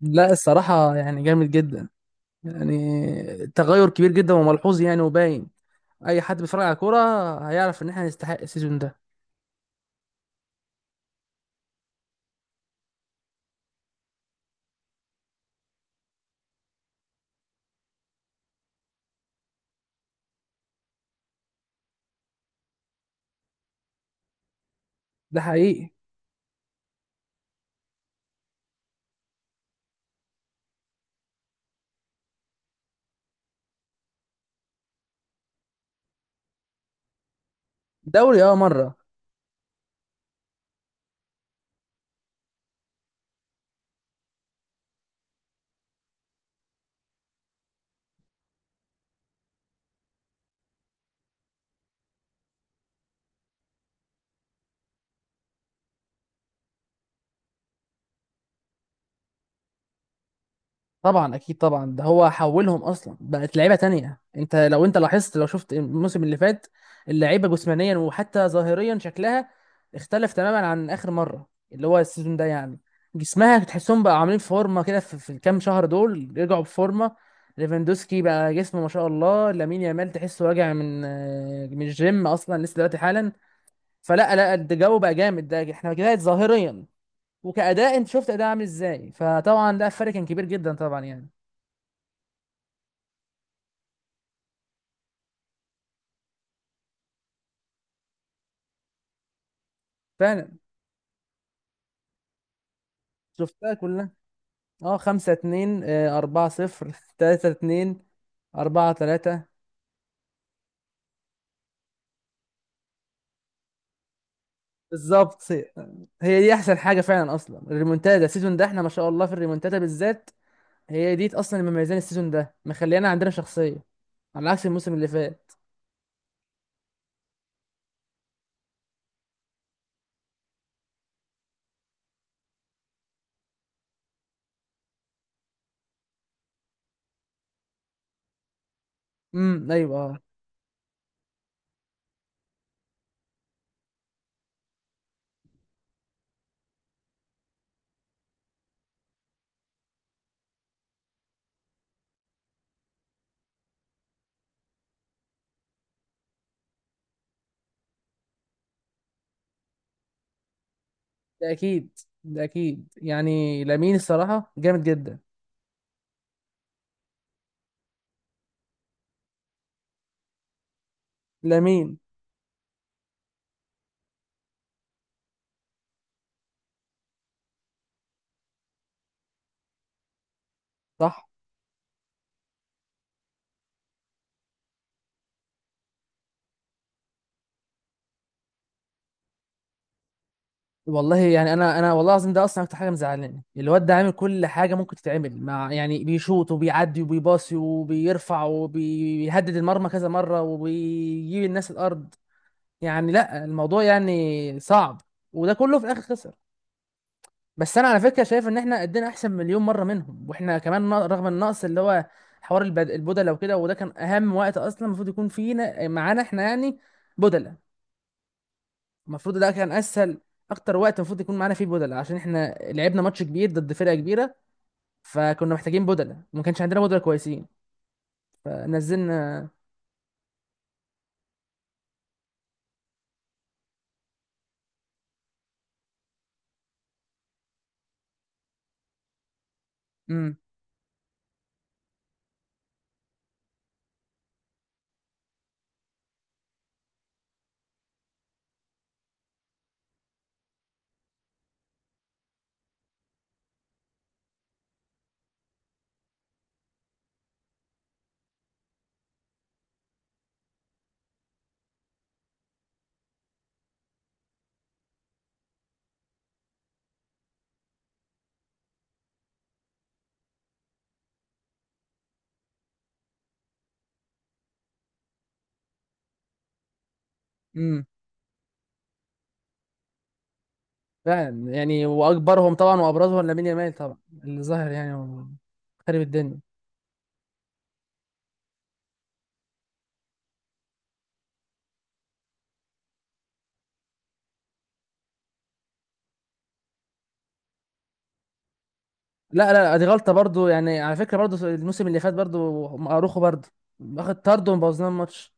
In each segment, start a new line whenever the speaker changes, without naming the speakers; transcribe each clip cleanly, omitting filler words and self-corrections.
لا، الصراحة يعني جامد جدا. يعني تغير كبير جدا وملحوظ، يعني وباين. أي حد بيتفرج على كورة هيعرف إن إحنا نستحق السيزون ده. ده حقيقي. دوري أه مرة. طبعا، اكيد طبعا، ده هو حولهم اصلا، بقت لعيبه تانية. انت لو انت لاحظت، لو شفت الموسم اللي فات، اللعيبه جسمانيا وحتى ظاهريا شكلها اختلف تماما عن اخر مره. اللي هو السيزون ده يعني جسمها تحسهم بقى عاملين فورمه كده، في الكام شهر دول رجعوا بفورمه. ليفاندوسكي بقى جسمه ما شاء الله. لامين يامال تحسه راجع من الجيم اصلا، لسه دلوقتي حالا. فلا لا، الجو بقى جامد. ده احنا كده ظاهريا وكأداء، انت شفت أداء عامل ازاي. فطبعا ده فرق كان كبير جدا طبعا يعني. فعلا. شفتها كلها. اه، 5-2، 4-0 3-2، 4-3. بالظبط. هي دي أحسن حاجة فعلا. أصلا الريمونتادا السيزون ده، احنا ما شاء الله في الريمونتادا بالذات. هي دي أصلا اللي مميزاني السيزون ده، مخليانا عندنا شخصية على عكس الموسم اللي فات. أيوه، اه. ده أكيد، ده أكيد. يعني لامين الصراحة جامد جدا. لامين. صح. والله يعني انا والله العظيم ده اصلا اكتر حاجه مزعلاني. الواد ده عامل كل حاجه ممكن تتعمل، مع يعني بيشوط وبيعدي وبيباصي وبيرفع وبيهدد المرمى كذا مره وبيجيب الناس الارض. يعني لا، الموضوع يعني صعب. وده كله في الاخر خسر. بس انا على فكره شايف ان احنا قدنا احسن مليون مره منهم، واحنا كمان، رغم النقص اللي هو حوار البدله وكده. وده كان اهم وقت اصلا المفروض يكون فينا، معانا احنا يعني بدله. المفروض ده كان اسهل، اكتر وقت المفروض يكون معانا فيه بدلة، عشان احنا لعبنا ماتش كبير ضد فرقه كبيره. فكنا محتاجين بدلة وما كانش عندنا بدلة كويسين، فنزلنا. امم. امم. فعلا، يعني واكبرهم طبعا وابرزهم لامين يامال طبعا، اللي ظاهر يعني هو خارب الدنيا. لا لا، دي غلطه برضو. يعني على فكره برضو، الموسم اللي فات برضو، اروخو برضو اخد طرد وبوظنا الماتش.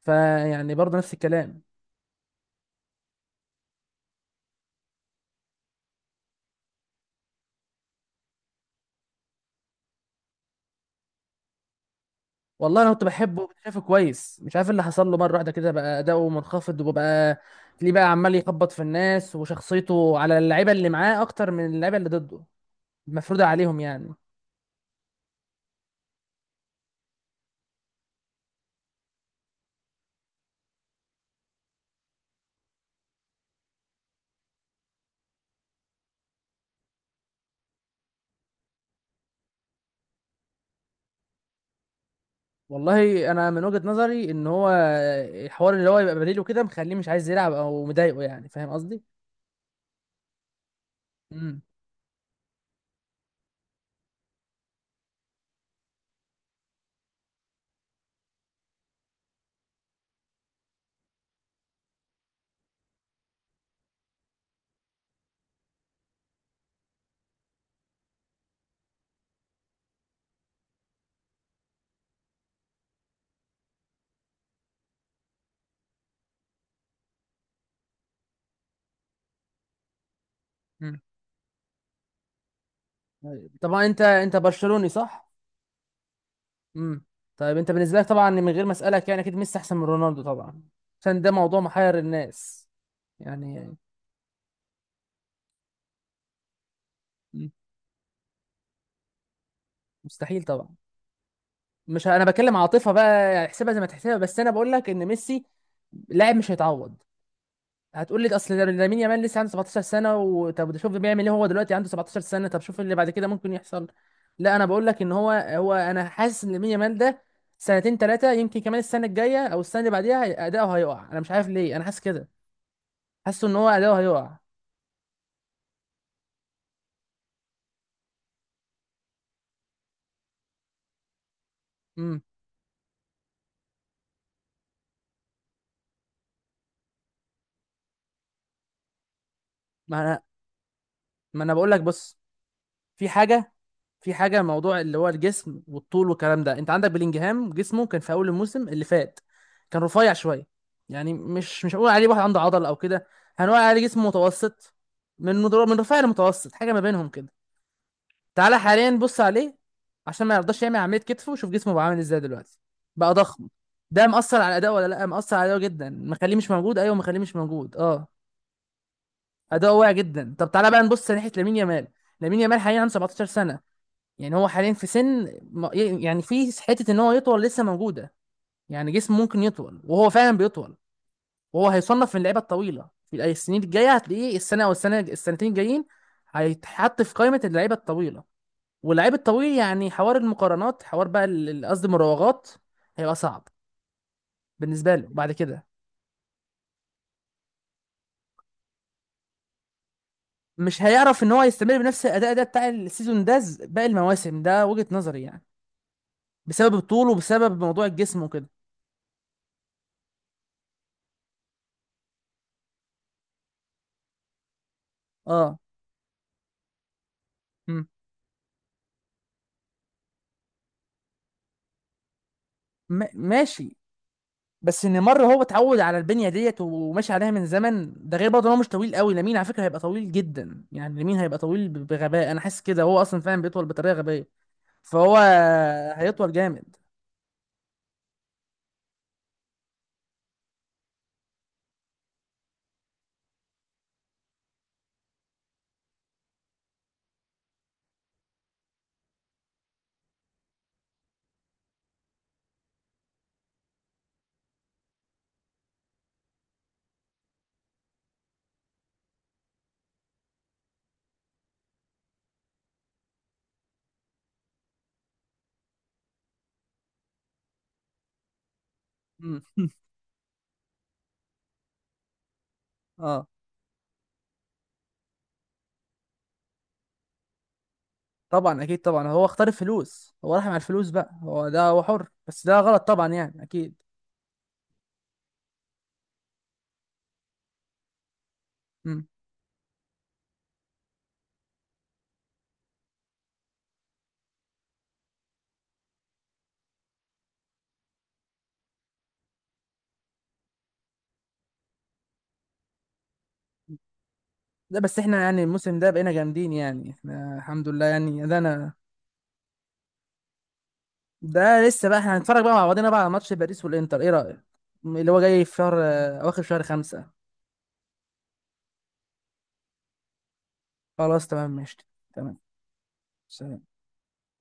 فيعني برضو نفس الكلام. والله انا كنت بحبه وكنت شايفه كويس. مش عارف إيه اللي حصل له مره واحده كده، بقى اداؤه منخفض وبقى ليه بقى عمال يخبط في الناس. وشخصيته على اللعيبه اللي معاه اكتر من اللعيبه اللي ضده، مفروضه عليهم يعني. والله انا من وجهه نظري ان هو الحوار اللي هو يبقى بديله كده، مخليه مش عايز يلعب، او مضايقه، يعني فاهم قصدي. امم. امم. طبعا انت برشلوني صح؟ امم. طيب انت بالنسبه لك طبعا، من غير ما اسالك يعني، اكيد ميسي احسن من رونالدو طبعا، عشان ده موضوع محير الناس. يعني. مم. مستحيل طبعا. مش انا بكلم عاطفه بقى، يعني احسبها زي ما تحسبها، بس انا بقول لك ان ميسي لاعب مش هيتعوض. هتقول لي اصل ده لامين يامال لسه عنده 17 سنه، وطب شوف بيعمل ايه، هو دلوقتي عنده 17 سنه، طب شوف اللي بعد كده ممكن يحصل. لا، انا بقول لك ان هو انا حاسس ان لامين يامال ده سنتين ثلاثه، يمكن كمان السنه الجايه او السنه اللي بعديها، اداؤه هيقع. انا مش عارف ليه انا حاسس كده. حاسس ان هو اداؤه هيقع. امم. ما انا ما انا بقول لك بص. في حاجه في حاجه، موضوع اللي هو الجسم والطول والكلام ده. انت عندك بلينجهام جسمه كان في اول الموسم اللي فات كان رفيع شويه. يعني مش هقول عليه واحد عنده عضل او كده، هنقول عليه جسم متوسط. من رفيع لمتوسط، حاجه ما بينهم كده. تعالى حاليا بص عليه، عشان ما يرضاش يعمل عمليه كتفه، وشوف جسمه بقى عامل ازاي دلوقتي. بقى ضخم. ده مأثر على اداؤه ولا لا؟ مأثر على اداؤه جدا، مخليه مش موجود. ايوه، مخليه مش موجود، اه. اداؤه واقع جدا. طب تعالى بقى نبص ناحيه لامين يامال. لامين يامال حاليا عنده 17 سنه، يعني هو حاليا في سن، يعني في حته ان هو يطول لسه موجوده. يعني جسمه ممكن يطول، وهو فعلا بيطول. وهو هيصنف من اللعيبه الطويله في السنين الجايه، هتلاقيه السنه او السنه السنتين الجايين هيتحط في قائمه اللعيبه الطويله. واللعيب الطويل يعني حوار المقارنات، حوار بقى قصدي المراوغات هيبقى صعب بالنسبه له بعد كده. مش هيعرف ان هو يستمر بنفس الاداء ده بتاع السيزون ده، باقي المواسم. ده وجهه نظري يعني، بسبب الطول وبسبب موضوع الجسم وكده. اه. مم. ماشي. بس نيمار هو اتعود على البنيه ديت وماشي عليها من زمن. ده غير برضه إن هو مش طويل قوي. لامين على فكره هيبقى طويل جدا. يعني لامين هيبقى طويل بغباء. انا حاسس كده، هو اصلا فعلا بيطول بطريقه غبيه. فهو هيطول جامد. امم. اه، طبعا اكيد طبعا، هو اختار الفلوس. هو راح مع الفلوس بقى، هو ده، هو حر، بس ده غلط طبعا يعني، اكيد. امم. ده بس احنا يعني الموسم ده بقينا جامدين، يعني احنا الحمد لله يعني، ده انا. ده لسه بقى، احنا هنتفرج بقى مع بعضنا بقى على ماتش باريس والانتر، ايه رايك؟ اللي هو جاي في شهر اواخر شهر خمسة. خلاص تمام ماشي. تمام. سلام.